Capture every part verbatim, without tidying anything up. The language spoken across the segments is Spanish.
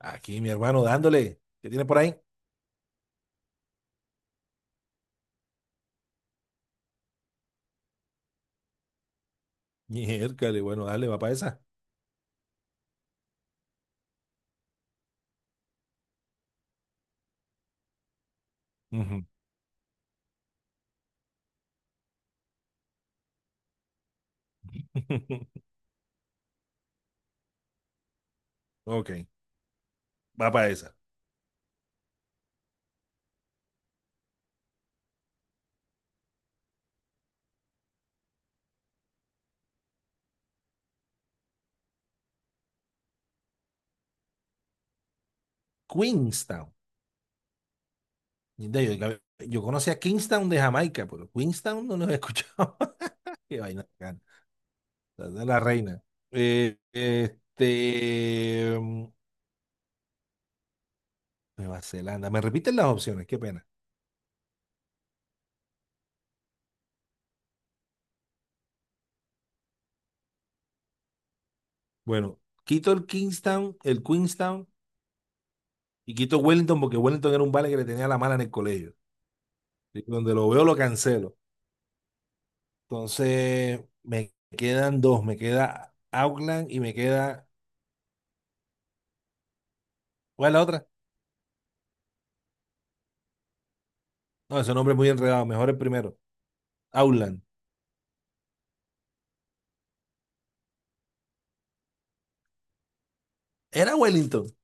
Aquí, mi hermano, dándole. ¿Qué tiene por ahí? Miércale, bueno, dale, va para esa. Ujú. Ok, va para esa. Queenstown. De- Yo, yo conocía Kingstown de Jamaica, pero Queenstown no lo he escuchado. Qué vaina bacana. La de la reina. Eh, este. mm, Nueva Zelanda. ¿Me repiten las opciones? Qué pena. Bueno, quito el Kingstown, el Queenstown, y quito Wellington porque Wellington era un vale que le tenía la mala en el colegio. Y donde lo veo lo cancelo. Entonces, me quedan dos. Me queda Auckland y me queda. ¿Cuál es la otra? No, ese nombre es muy enredado. Mejor el primero. Auckland. Era Wellington.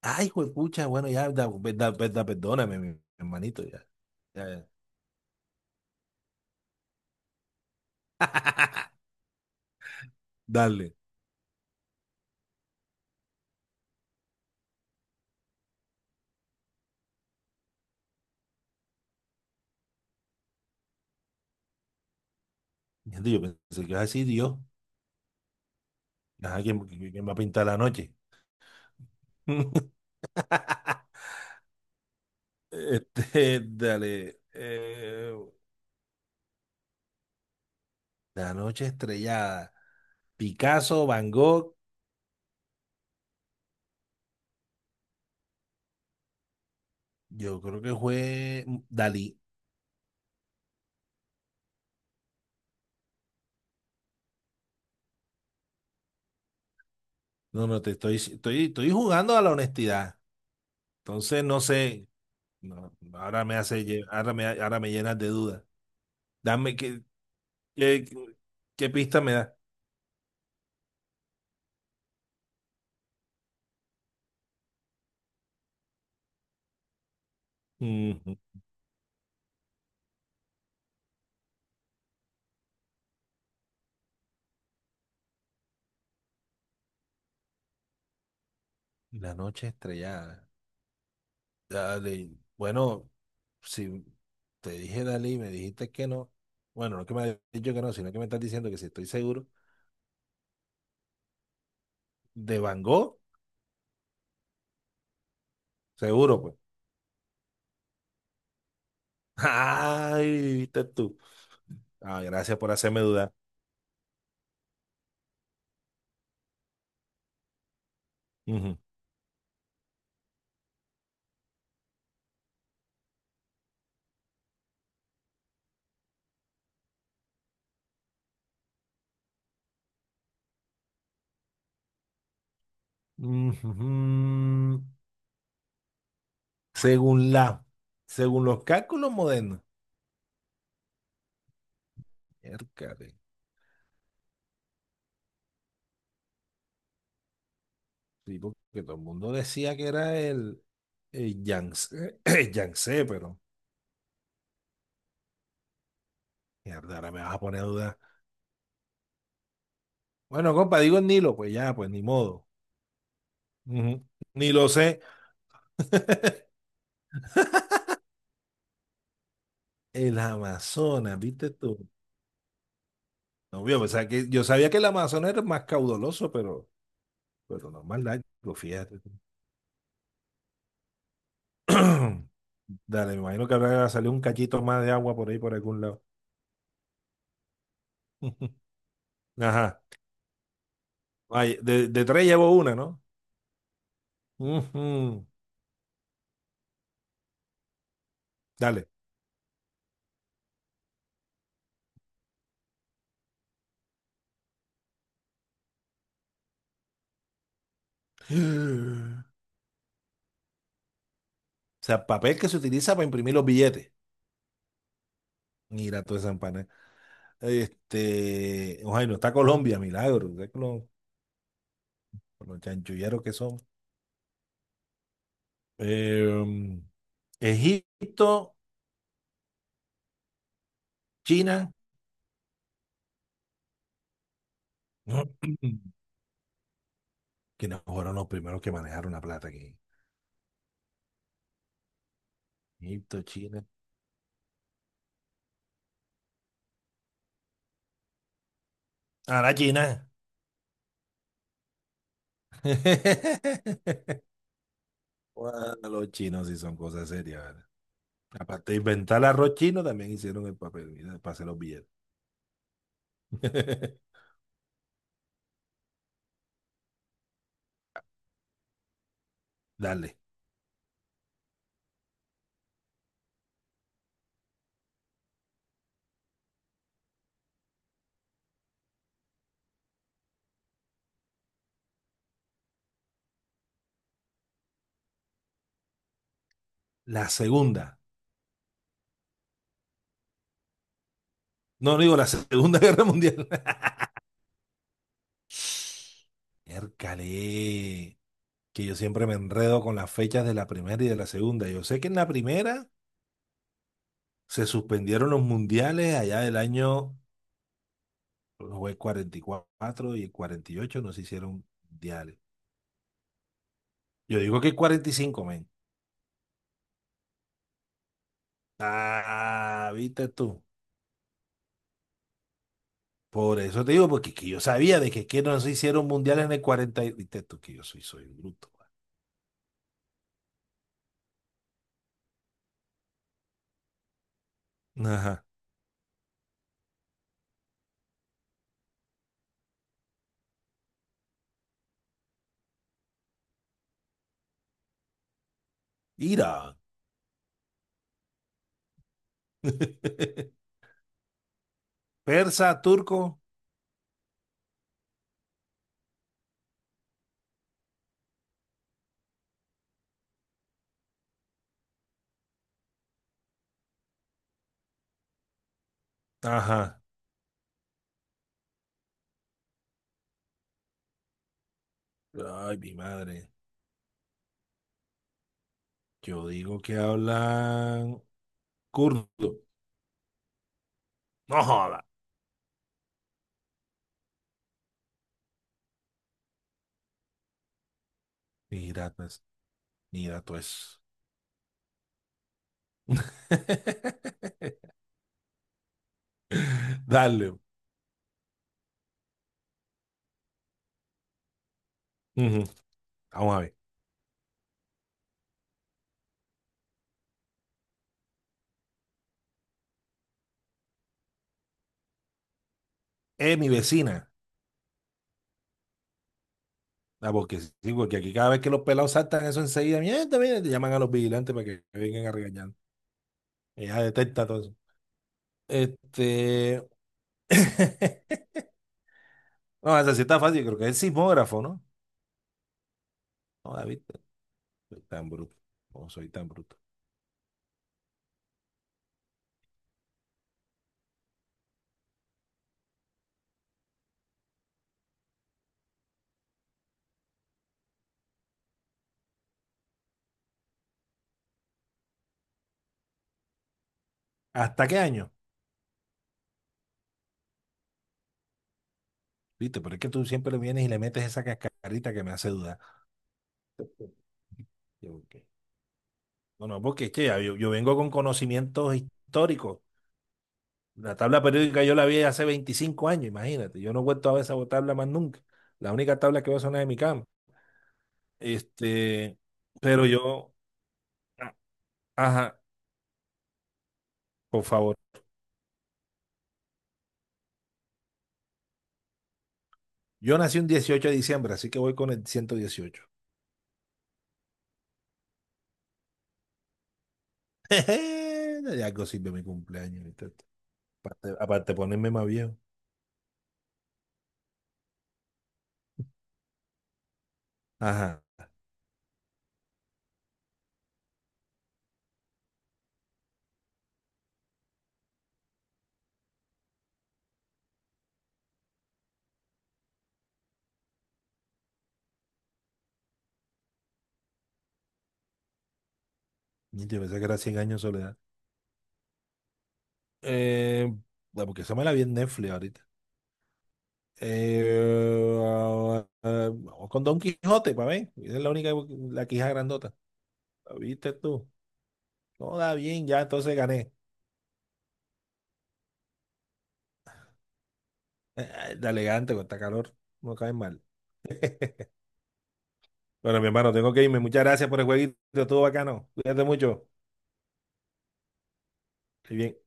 Ay, pucha, bueno, ya, da- da- da- perdóname, mi hermanito, ya. Ya, ya. Dale. Gente, yo pensé que ibas a decir Dios. Ajá, ¿quién, quién va a pintar la noche? Este, dale. eh, la noche estrellada. Picasso, Van Gogh, yo creo que fue Dalí. No, no, te estoy, estoy, estoy jugando a la honestidad. Entonces, no sé. No, ahora me hace, lle- ahora me, ahora me llenas de dudas. Dame, ¿qué, qué, qué pista me da? Ujú. La noche estrellada. Dale. Bueno, si te dije dale y me dijiste que no. Bueno, no que me has dicho que no, sino que me estás diciendo que si estoy seguro. ¿De Van Gogh? Seguro, pues. Ay, viste tú. Ah, gracias por hacerme dudar. Ujú. Ujú. Según la, según los cálculos modernos, miércale, sí, porque todo el mundo decía que era el, el Yangtze, el Yangtze, pero mierda, ahora me vas a poner a dudar. Bueno, compa, digo el Nilo, pues ya, pues ni modo. Ujú. Ni lo sé. El Amazonas, ¿viste tú? No, yo pensaba que, yo sabía que el Amazonas era más caudaloso, pero, pero no más largo, fíjate. Tú. Dale, me imagino que habrá salido un cachito más de agua por ahí, por algún lado. Ajá. Ay, de, de tres llevo una, ¿no? Ujú. Dale. O sea, papel que se utiliza para imprimir los billetes. Mira toda esa empanada. Este, oh, ay, no está Colombia, milagro. ¿Sabes con los, con los chanchulleros que son? Em, Egipto, China. No, ¿quiénes fueron los primeros que manejaron la plata aquí? Egipto, China. Ah, la China. Bueno, los chinos sí son cosas serias, ¿vale? Aparte de inventar el arroz chino, también hicieron el papel, mira, para hacer los billetes. Dale. La segunda. No, no digo la Segunda Guerra Mundial. Miércale, que yo siempre me enredo con las fechas de la primera y de la segunda. Yo sé que en la primera se suspendieron los mundiales allá del año fue cuarenta y cuatro y el cuarenta y ocho no se hicieron mundiales. Yo digo que el cuarenta y cinco, men. Ah, viste tú. Por eso te digo, porque es que yo sabía de que, es que no se hicieron mundiales en el cuarenta y- Viste tú que yo soy, soy bruto. Ajá. Mira. Persa, turco. Ajá. Ay, mi madre. Yo digo que hablan kurdo. No joda. Mira, pues, mira, tú es. Dale. Ujú. Vamos a ver. Eh, mi vecina. Ah, porque sí, porque aquí cada vez que los pelados saltan eso enseguida, mierda, mira, te llaman a los vigilantes para que vengan a regañar. Ella detecta todo eso. Este. No, esa sí está fácil, creo que es el sismógrafo, ¿no? No, David. Soy tan bruto. No soy tan bruto. ¿Hasta qué año? ¿Viste? Pero es que tú siempre le vienes y le metes esa cascarita que me hace dudar. Yo, ¿qué? No, no, porque es que ya yo, yo vengo con conocimientos históricos. La tabla periódica yo la vi hace veinticinco años, imagínate. Yo no he vuelto a ver esa tabla más nunca. La única tabla que veo son las de mi cama. Este, pero yo, a- ajá, por favor. Yo nací un dieciocho de diciembre, así que voy con el ciento dieciocho. De algo sirve mi cumpleaños. ¿Viste? Aparte, aparte de ponerme más viejo. Ajá. Yo pensé que era Cien años de soledad. Eh, bueno, porque esa me la vi en Netflix ahorita. Eh, ah, ah, vamos con Don Quijote, para ver. Esa es la única, la quija grandota. ¿La viste tú? No, da bien, ya entonces gané. Eh, Da elegante con esta calor. No cae mal. Bueno, mi hermano, tengo que irme. Muchas gracias por el jueguito. Estuvo bacano. Cuídate mucho. Estoy bien.